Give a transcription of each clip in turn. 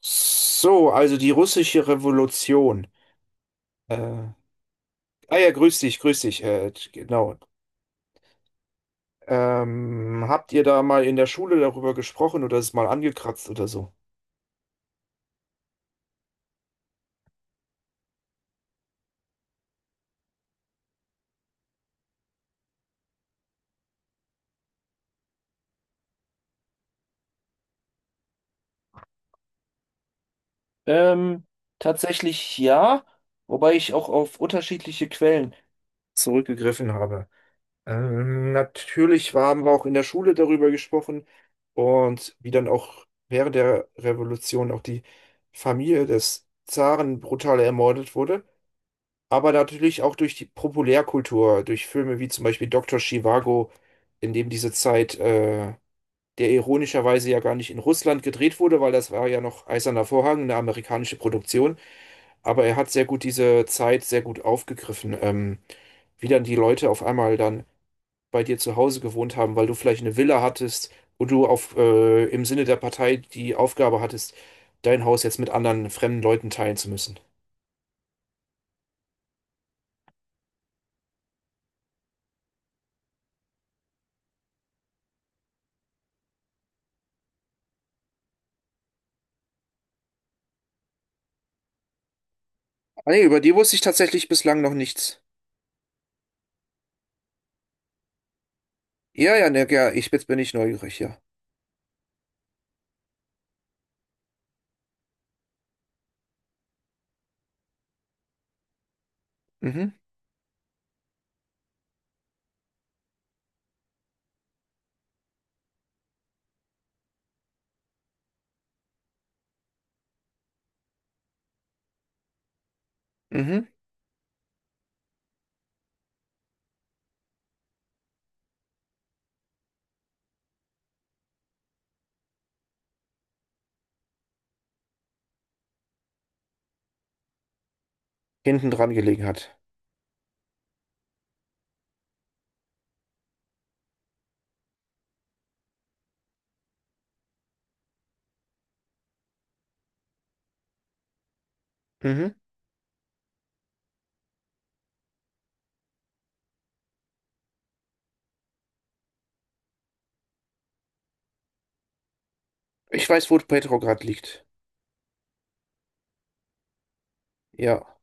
So, also die russische Revolution. Äh, ah ja, grüß dich, grüß dich. Genau. Habt ihr da mal in der Schule darüber gesprochen oder es mal angekratzt oder so? Ähm, Tatsächlich ja, wobei ich auch auf unterschiedliche Quellen zurückgegriffen habe. Natürlich haben wir auch in der Schule darüber gesprochen und wie dann auch während der Revolution auch die Familie des Zaren brutal ermordet wurde. Aber natürlich auch durch die Populärkultur, durch Filme wie zum Beispiel Doktor Zhivago, in dem diese Zeit, der ironischerweise ja gar nicht in Russland gedreht wurde, weil das war ja noch Eiserner Vorhang, eine amerikanische Produktion. Aber er hat sehr gut diese Zeit sehr gut aufgegriffen, wie dann die Leute auf einmal dann bei dir zu Hause gewohnt haben, weil du vielleicht eine Villa hattest und du auf, im Sinne der Partei die Aufgabe hattest, dein Haus jetzt mit anderen fremden Leuten teilen zu müssen. Ah, nee, über die wusste ich tatsächlich bislang noch nichts. Ja, ja, ne, ja, ich, jetzt bin ich neugierig, ja. Mhm, mhm. Hinten dran gelegen hat. Mhm. Ich weiß, wo Petrograd liegt. Ja,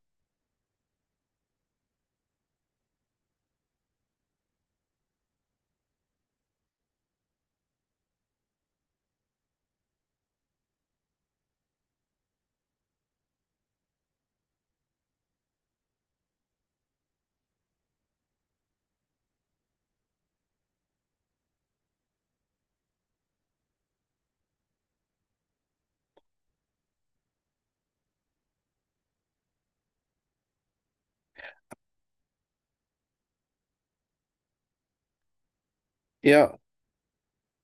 ja.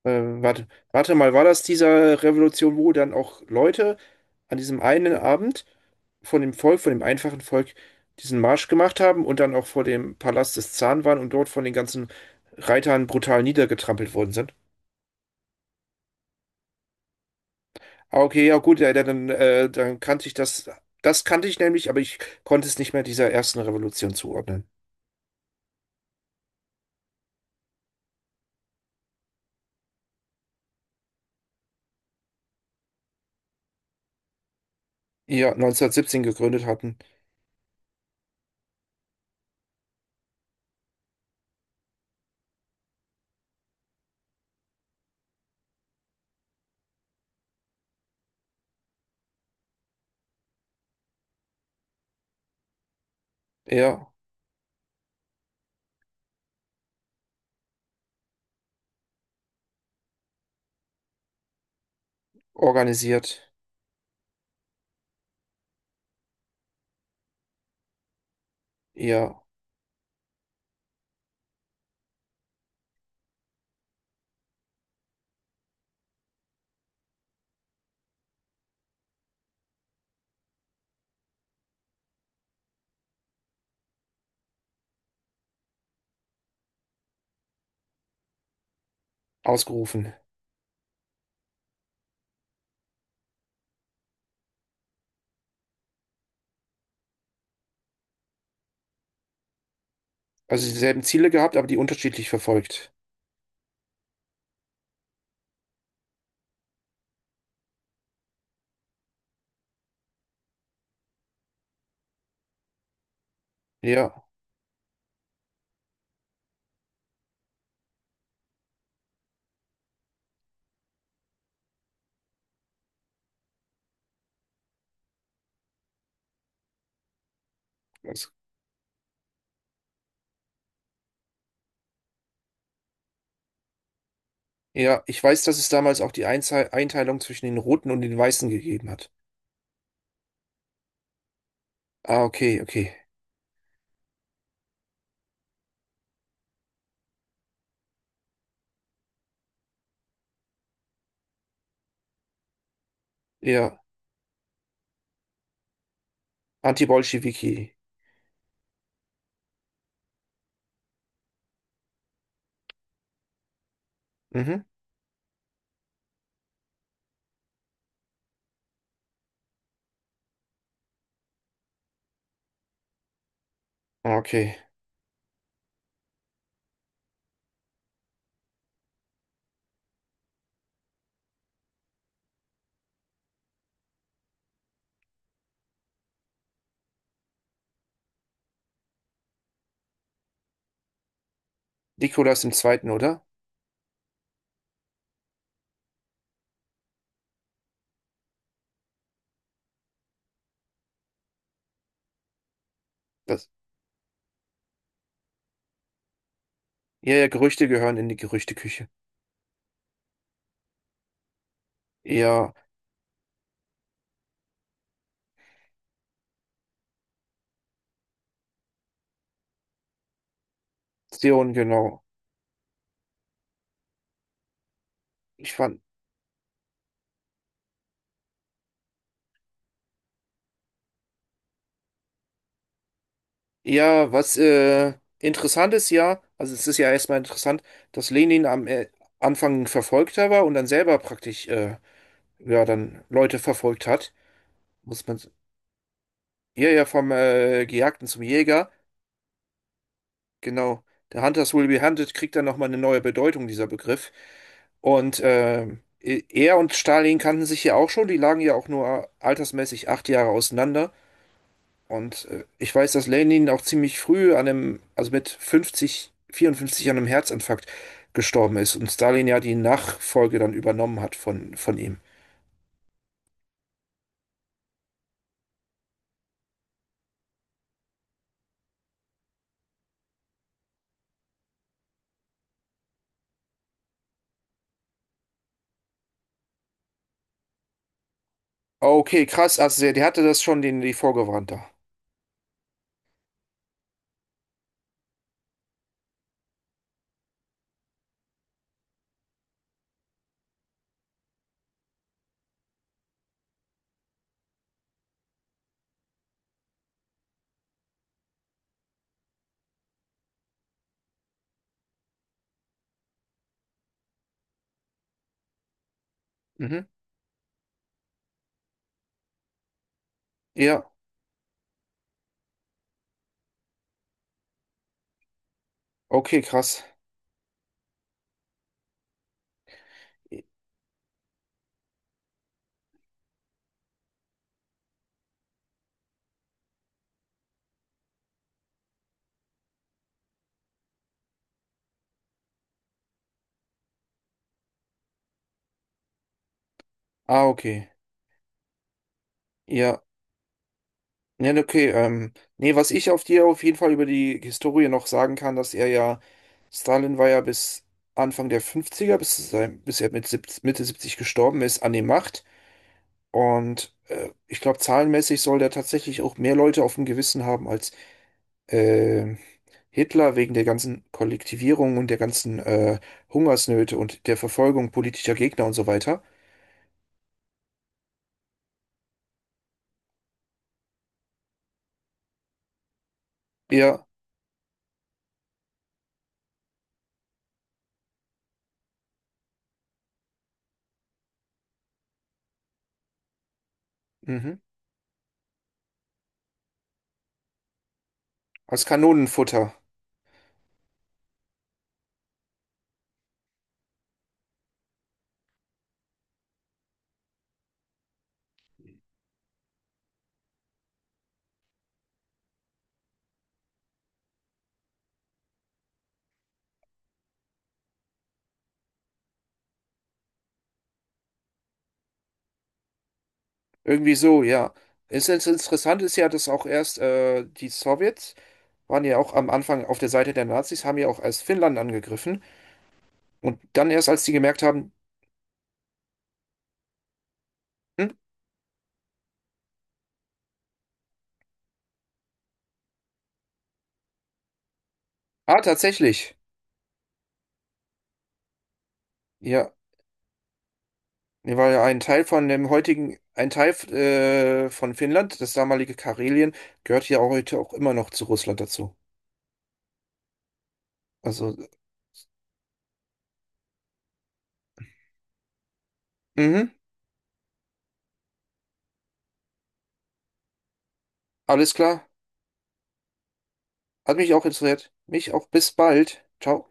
Warte, warte mal, war das dieser Revolution, wo dann auch Leute an diesem einen Abend von dem Volk, von dem einfachen Volk, diesen Marsch gemacht haben und dann auch vor dem Palast des Zaren waren und dort von den ganzen Reitern brutal niedergetrampelt worden sind? Ah, okay, ja gut, ja, dann, dann kannte ich das. Das kannte ich nämlich, aber ich konnte es nicht mehr dieser ersten Revolution zuordnen. Ja, 1917 gegründet hatten. Eher organisiert, eher ausgerufen. Also dieselben Ziele gehabt, aber die unterschiedlich verfolgt. Ja, das, ja, ich weiß, dass es damals auch die Einteilung zwischen den Roten und den Weißen gegeben hat. Ah, okay, okay. Ja, Anti-Bolschewiki. Mhm, ah, okay. Nikolaus im Zweiten, oder? Das, ja, ja, Gerüchte gehören in die Gerüchteküche. Ja, Zion, genau. Ich fand, ja, was, interessant ist ja, also es ist ja erstmal interessant, dass Lenin am Anfang ein Verfolgter war und dann selber praktisch ja dann Leute verfolgt hat. Muss man s- ja ja vom Gejagten zum Jäger, genau. Der Hunters will be hunted kriegt dann nochmal eine neue Bedeutung, dieser Begriff. Und er und Stalin kannten sich ja auch schon, die lagen ja auch nur altersmäßig 8 Jahre auseinander. Und ich weiß, dass Lenin auch ziemlich früh an einem, also mit 50, 54 an einem Herzinfarkt gestorben ist und Stalin ja die Nachfolge dann übernommen hat von ihm. Okay, krass, also der, der hatte das schon, den, die vorgewarnt da. Mhm. Ja, okay, krass. Ah, okay. Ja. Ja, okay. Nee, was ich auf dir auf jeden Fall über die Historie noch sagen kann, dass er ja, Stalin war ja bis Anfang der 50er, bis, zu seinem, bis er mit Mitte 70 gestorben ist, an der Macht. Und ich glaube, zahlenmäßig soll der tatsächlich auch mehr Leute auf dem Gewissen haben als äh, Hitler wegen der ganzen Kollektivierung und der ganzen Hungersnöte und der Verfolgung politischer Gegner und so weiter. Ja, mhm. Als Kanonenfutter. Irgendwie so, ja. Es ist interessant ist ja, dass auch erst die Sowjets waren ja auch am Anfang auf der Seite der Nazis, haben ja auch erst Finnland angegriffen und dann erst, als die gemerkt haben, hm, ah, tatsächlich. Ja, nee, weil ein Teil von dem heutigen, ein Teil von Finnland, das damalige Karelien, gehört ja auch heute auch immer noch zu Russland dazu. Also, mhm, alles klar. Hat mich auch interessiert. Mich auch. Bis bald. Ciao.